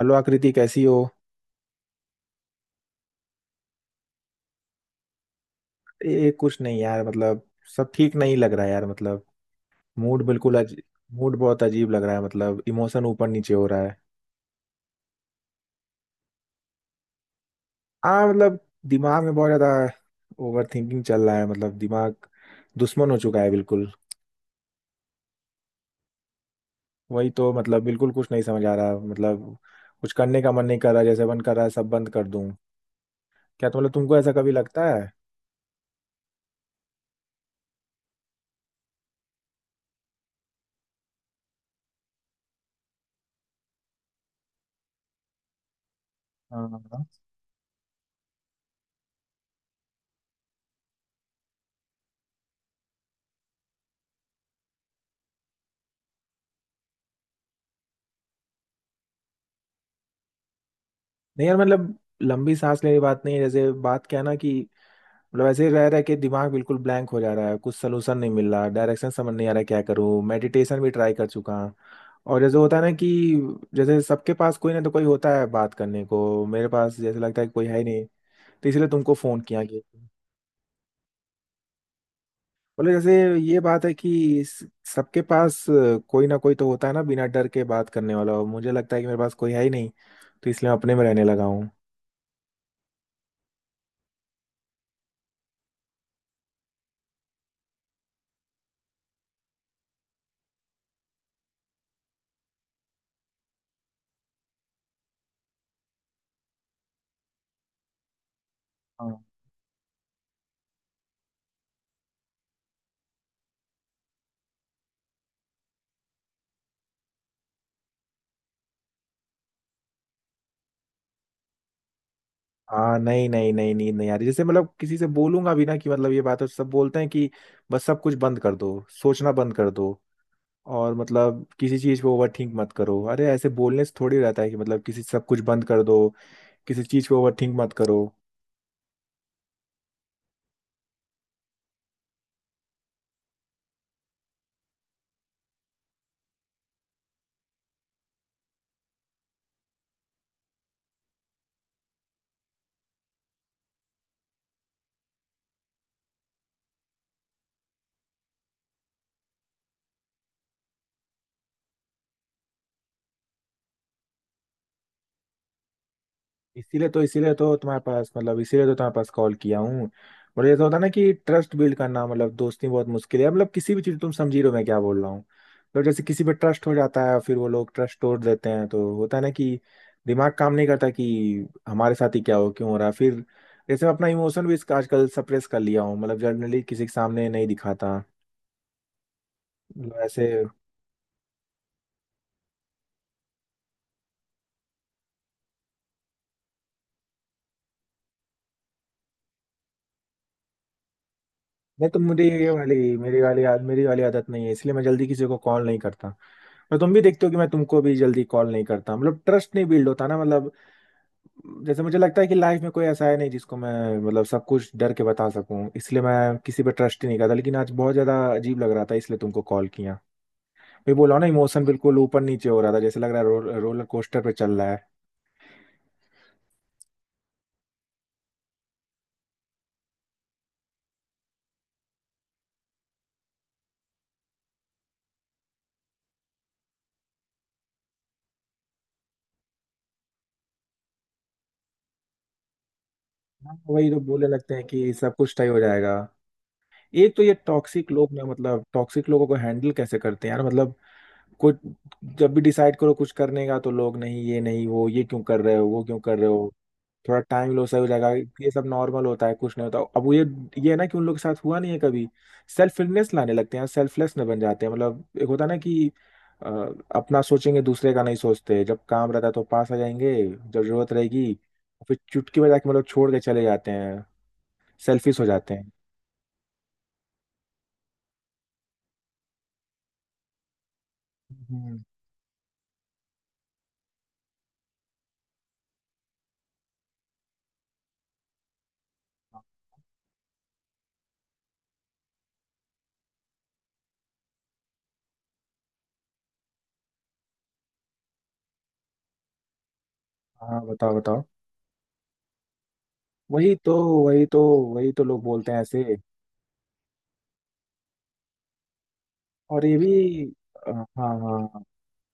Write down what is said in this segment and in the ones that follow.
Hello Aakriti कैसी हो? ये कुछ नहीं यार, सब ठीक नहीं लग रहा है यार, मूड बिल्कुल अजीब। मूड बहुत अजीब लग रहा है, मतलब इमोशन ऊपर नीचे हो रहा है। हाँ मतलब, दिमाग में बहुत ज्यादा ओवर थिंकिंग चल रहा है, मतलब दिमाग दुश्मन हो चुका है बिल्कुल। वही तो, मतलब बिल्कुल कुछ नहीं समझ आ रहा, मतलब कुछ करने का मन नहीं कर रहा, जैसे मन कर रहा है सब बंद कर दूं। क्या तो, मतलब तुमको ऐसा कभी लगता है? हाँ हाँ। नहीं यार, मतलब लंबी सांस लेने की बात नहीं है, जैसे बात क्या है ना कि मतलब ऐसे ही रह रह के दिमाग बिल्कुल ब्लैंक हो जा रहा है, कुछ सलूशन नहीं मिल रहा, डायरेक्शन समझ नहीं आ रहा, क्या करूँ? मेडिटेशन भी ट्राई कर चुका हूँ। और जैसे होता है ना कि जैसे सबके पास कोई ना तो कोई होता है बात करने को, मेरे पास जैसे लगता है कि कोई है ही नहीं। तो इसलिए तुमको फोन किया कि बोले जैसे ये बात है कि सबके पास कोई ना कोई तो होता है ना बिना डर के बात करने वाला, और मुझे लगता है कि मेरे पास कोई है ही नहीं। तो इसलिए मैं अपने में रहने लगा हूँ। हाँ नहीं नहीं नहीं नींद नहीं आ रही, जैसे मतलब किसी से बोलूंगा भी ना कि मतलब ये बात है, सब बोलते हैं कि बस सब कुछ बंद कर दो, सोचना बंद कर दो, और मतलब किसी चीज पे ओवर थिंक मत करो। अरे ऐसे बोलने से थोड़ी रहता है कि मतलब किसी सब कुछ बंद कर दो, किसी चीज पे ओवर थिंक मत करो। इसीलिए तो तुम्हारे पास, मतलब इसीलिए तो तुम्हारे पास कॉल किया हूँ। और ये तो होता है ना कि ट्रस्ट बिल्ड करना मतलब दोस्ती में बहुत मुश्किल है, मतलब किसी भी चीज, तुम समझी रहे हो मैं क्या बोल रहा हूँ? तो जैसे किसी पे ट्रस्ट हो जाता है, फिर वो लोग ट्रस्ट तोड़ देते हैं, तो होता है ना कि दिमाग काम नहीं करता कि हमारे साथ ही क्या हो, क्यों हो रहा है फिर। जैसे मैं अपना इमोशन भी इसका आजकल सप्रेस कर लिया हूँ, मतलब जनरली किसी के सामने नहीं दिखाता, मतलब ऐसे। नहीं तो मुझे ये वाली, मेरी वाली आदत नहीं है, इसलिए मैं जल्दी किसी को कॉल नहीं करता। और तुम भी देखते हो कि मैं तुमको भी जल्दी कॉल नहीं करता, मतलब ट्रस्ट नहीं बिल्ड होता ना मतलब। जैसे मुझे लगता है कि लाइफ में कोई ऐसा है नहीं जिसको मैं, मतलब सब कुछ डर के बता सकूं, इसलिए मैं किसी पे ट्रस्ट ही नहीं करता। लेकिन आज बहुत ज्यादा अजीब लग रहा था, इसलिए तुमको कॉल किया। मैं बोला ना इमोशन बिल्कुल ऊपर नीचे हो रहा था, जैसे लग रहा है रोलर कोस्टर पे चल रहा है। हाँ, तो वही तो बोलने लगते हैं कि सब कुछ तय हो जाएगा। एक तो ये टॉक्सिक लोग ना, मतलब टॉक्सिक लोगों को हैंडल कैसे करते हैं यार मतलब? कुछ, जब भी डिसाइड करो कुछ करने का तो लोग, नहीं ये नहीं वो, ये क्यों कर रहे हो वो क्यों कर रहे हो, थोड़ा टाइम लो सही हो जाएगा, ये सब नॉर्मल होता है, कुछ नहीं होता, अब वो ये है ना कि उन लोग के साथ हुआ नहीं है कभी। सेल्फलेस लाने लगते हैं, सेल्फलेस में बन जाते हैं, मतलब एक होता है ना कि अ, अपना सोचेंगे, दूसरे का नहीं सोचते, जब काम रहता है तो पास आ जाएंगे, जब जरूरत रहेगी फिर चुटकी बजा के मतलब छोड़ के चले जाते हैं, सेल्फिश हो जाते हैं। हम्म। हाँ बताओ, बताओ। वही तो, वही तो, वही तो लोग बोलते हैं ऐसे। और ये भी, हाँ हाँ,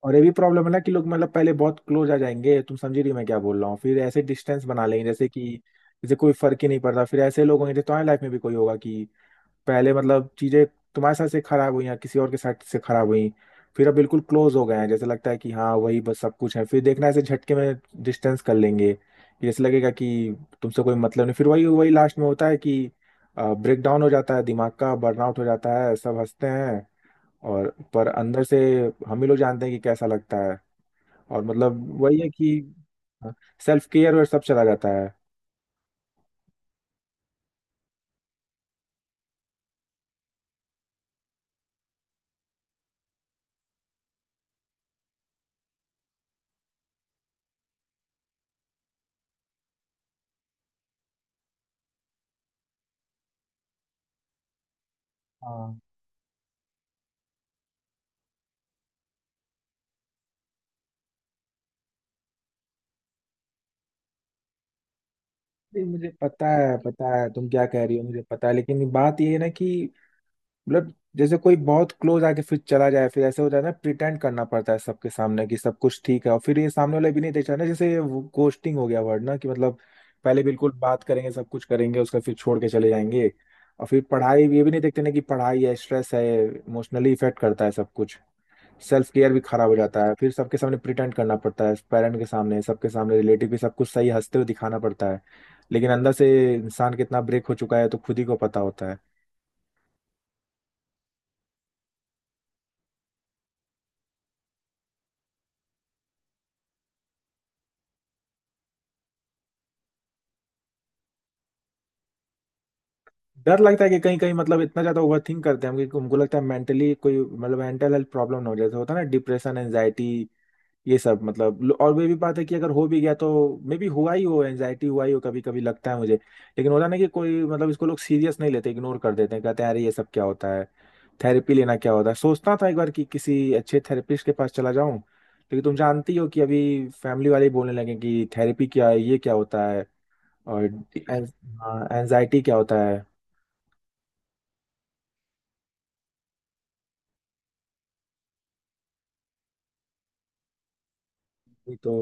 और ये भी प्रॉब्लम है ना कि लोग मतलब पहले बहुत क्लोज आ जाएंगे, तुम समझ रही हो मैं क्या बोल रहा हूँ? फिर ऐसे डिस्टेंस बना लेंगे, जैसे कि जैसे कोई फर्क ही नहीं पड़ता। फिर ऐसे लोग होंगे तो तुम्हारी लाइफ में भी कोई होगा कि, पहले मतलब चीजें तुम्हारे साथ से खराब हुई या किसी और के साथ से खराब हुई, फिर अब बिल्कुल क्लोज हो गए हैं, जैसे लगता है कि हाँ वही बस सब कुछ है, फिर देखना ऐसे झटके में डिस्टेंस कर लेंगे, जैसे लगेगा कि तुमसे कोई मतलब नहीं। फिर वही वही लास्ट में होता है कि ब्रेक डाउन हो जाता है, दिमाग का बर्नआउट हो जाता है, सब हंसते हैं और पर अंदर से हम ही लोग जानते हैं कि कैसा लगता है। और मतलब वही है कि सेल्फ केयर और सब चला जाता है। हाँ। नहीं, मुझे पता है तुम क्या कह रही हो, मुझे पता है, लेकिन बात ये है ना कि मतलब जैसे कोई बहुत क्लोज आके फिर चला जाए, फिर ऐसे हो जाए ना, प्रिटेंड करना पड़ता है सबके सामने कि सब कुछ ठीक है, और फिर ये सामने वाला भी नहीं देख रहा ना, जैसे गोस्टिंग हो गया वर्ड ना कि मतलब पहले बिल्कुल बात करेंगे सब कुछ करेंगे, उसका फिर छोड़ के चले जाएंगे। और फिर पढ़ाई, ये भी नहीं देखते ना कि पढ़ाई है, स्ट्रेस है, इमोशनली इफेक्ट करता है सब कुछ, सेल्फ केयर भी खराब हो जाता है। फिर सबके सामने प्रिटेंड करना पड़ता है, पेरेंट के सामने, सबके सामने, रिलेटिव भी, सब कुछ सही हंसते हुए दिखाना पड़ता है, लेकिन अंदर से इंसान कितना ब्रेक हो चुका है, तो खुद ही को पता होता है। डर लगता है कि कहीं कहीं मतलब इतना ज्यादा ओवरथिंक करते हैं हम कि उनको लगता है मेंटली कोई, मतलब मेंटल हेल्थ प्रॉब्लम ना हो, जैसे होता है ना डिप्रेशन, एंजाइटी, ये सब, और वे भी बात है कि अगर हो भी गया तो, मे बी हुआ ही हो, एंजाइटी हुआ ही हो, कभी कभी लगता है मुझे। लेकिन होता ना कि कोई मतलब इसको लोग सीरियस नहीं लेते, इग्नोर कर देते हैं, कहते हैं अरे ये सब क्या होता है, थेरेपी लेना क्या होता है। सोचता था एक बार कि किसी अच्छे थेरेपिस्ट के पास चला जाऊं, लेकिन तुम जानती हो कि अभी फैमिली वाले ही बोलने लगे कि थेरेपी क्या है, ये क्या होता है, और एंजाइटी क्या होता है। ये तो,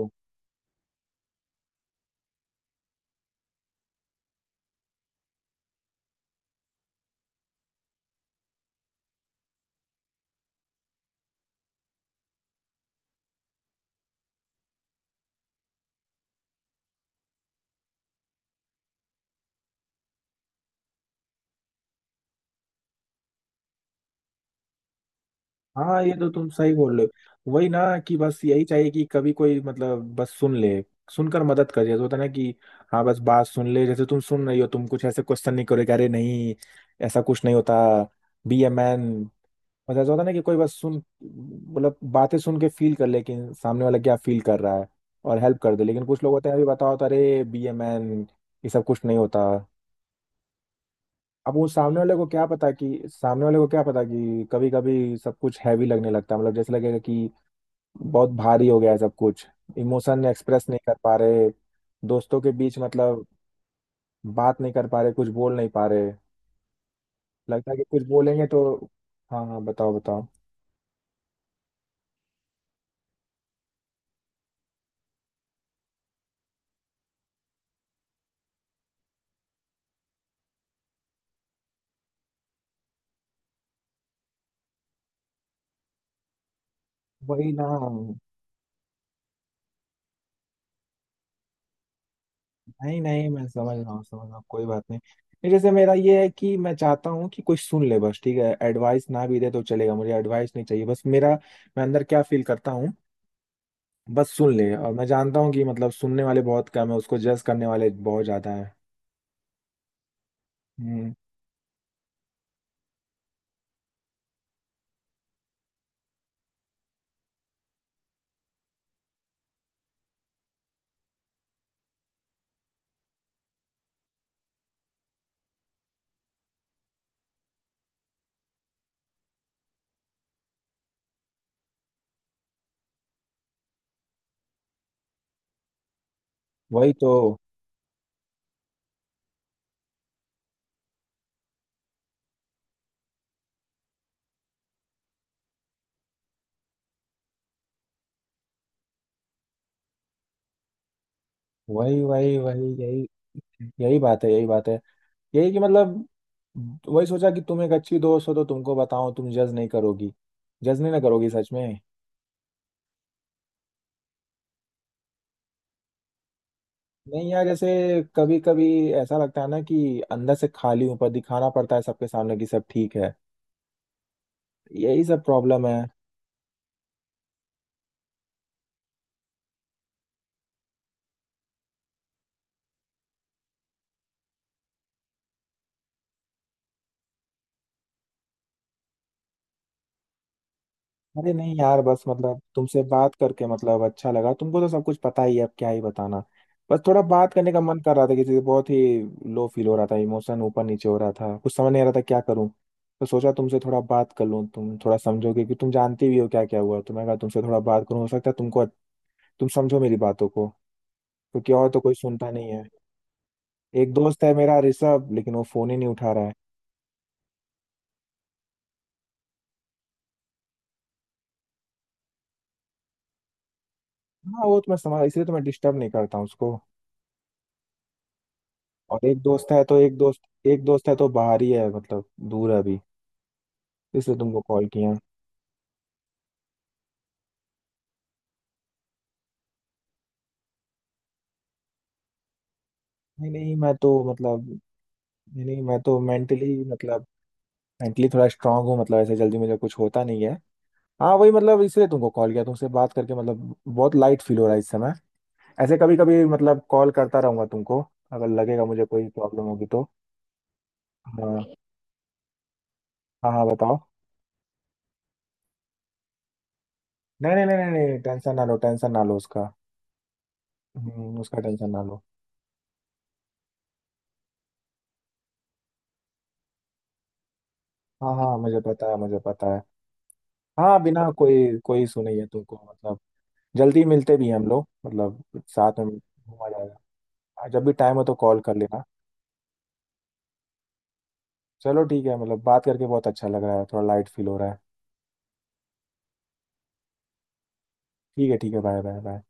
हाँ ये तो तुम सही बोल रहे हो, वही ना कि बस यही चाहिए कि कभी कोई मतलब बस सुन ले, सुनकर मदद कर, जैसे होता है ना कि हाँ बस बात सुन ले। जैसे तुम सुन रही हो, तुम कुछ ऐसे क्वेश्चन नहीं करोगे, अरे नहीं, ऐसा कुछ नहीं होता, बी ए मैन। मतलब ऐसा होता है ना कि कोई बस सुन, मतलब बातें सुन के फील कर ले कि सामने वाला क्या फील कर रहा है, और हेल्प कर दे। लेकिन कुछ लोग होते हैं, अभी बताओ तो अरे बी ए मैन, ये सब कुछ नहीं होता। अब वो सामने वाले को क्या पता कि, सामने वाले को क्या पता कि कभी कभी सब कुछ हैवी लगने लगता है, मतलब जैसे लगेगा कि बहुत भारी हो गया है सब कुछ, इमोशन एक्सप्रेस नहीं कर पा रहे दोस्तों के बीच मतलब, बात नहीं कर पा रहे, कुछ बोल नहीं पा रहे, लगता है कि कुछ बोलेंगे तो। हाँ हाँ बताओ, बताओ। वही ना। नहीं नहीं मैं समझ रहा हूँ, समझ रहा हूँ, कोई बात नहीं। नहीं, जैसे मेरा ये है कि मैं चाहता हूँ कि कोई सुन ले बस, ठीक है एडवाइस ना भी दे तो चलेगा, मुझे एडवाइस नहीं चाहिए, बस मेरा मैं अंदर क्या फील करता हूँ बस सुन ले। और मैं जानता हूँ कि मतलब सुनने वाले बहुत कम है, उसको जज करने वाले बहुत ज्यादा है। हम्म। वही तो। वही वही वही यही, यही बात है, यही बात है, यही कि मतलब वही सोचा कि तुम एक अच्छी दोस्त हो तो तुमको बताओ, तुम जज नहीं करोगी, जज नहीं ना करोगी सच में? नहीं यार, जैसे कभी कभी ऐसा लगता है ना कि अंदर से खाली हूं, पर दिखाना पड़ता है सबके सामने कि सब ठीक है, यही सब प्रॉब्लम है। अरे नहीं यार, बस मतलब तुमसे बात करके मतलब अच्छा लगा, तुमको तो सब कुछ पता ही है, अब क्या ही बताना। बस थोड़ा बात करने का मन कर रहा था किसी से, बहुत ही लो फील हो रहा था, इमोशन ऊपर नीचे हो रहा था, कुछ समझ नहीं आ रहा था क्या करूं। तो सोचा तुमसे थोड़ा बात कर लूं, तुम थोड़ा समझोगे कि, तुम जानती भी हो क्या क्या हुआ, तो मैं कहा तुमसे थोड़ा बात करूं, हो सकता है तुमको, तुम समझो मेरी बातों को, क्योंकि और तो कोई सुनता नहीं है। एक दोस्त है मेरा ऋषभ, लेकिन वो फोन ही नहीं उठा रहा है। हाँ वो तो मैं समझ, इसलिए तो मैं डिस्टर्ब नहीं करता हूँ उसको। और एक दोस्त है तो, एक दोस्त है तो बाहर ही है, मतलब दूर है अभी, इसलिए तुमको कॉल किया। नहीं नहीं मैं तो मतलब, नहीं नहीं मैं तो मेंटली मतलब, मेंटली थोड़ा स्ट्रांग हूँ, मतलब ऐसे जल्दी मुझे कुछ होता नहीं है। हाँ वही मतलब इसलिए तुमको कॉल किया, तुमसे बात करके मतलब बहुत लाइट फील हो रहा है इस समय। ऐसे कभी कभी मतलब कॉल करता रहूंगा तुमको, अगर लगेगा मुझे कोई प्रॉब्लम होगी तो। हाँ हाँ, हाँ बताओ। नहीं नहीं नहीं नहीं नहीं टेंशन ना लो, टेंशन ना लो उसका। उसका टेंशन ना लो। हाँ हाँ, मुझे पता है, हाँ बिना कोई कोई सुने, ये तुमको मतलब, जल्दी मिलते भी हैं हम लोग मतलब, साथ में घूमा जाएगा। हाँ, जब भी टाइम हो तो कॉल कर लेना। चलो ठीक है, मतलब बात करके बहुत अच्छा लग रहा है, थोड़ा लाइट फील हो रहा है। ठीक है, ठीक है, बाय बाय बाय।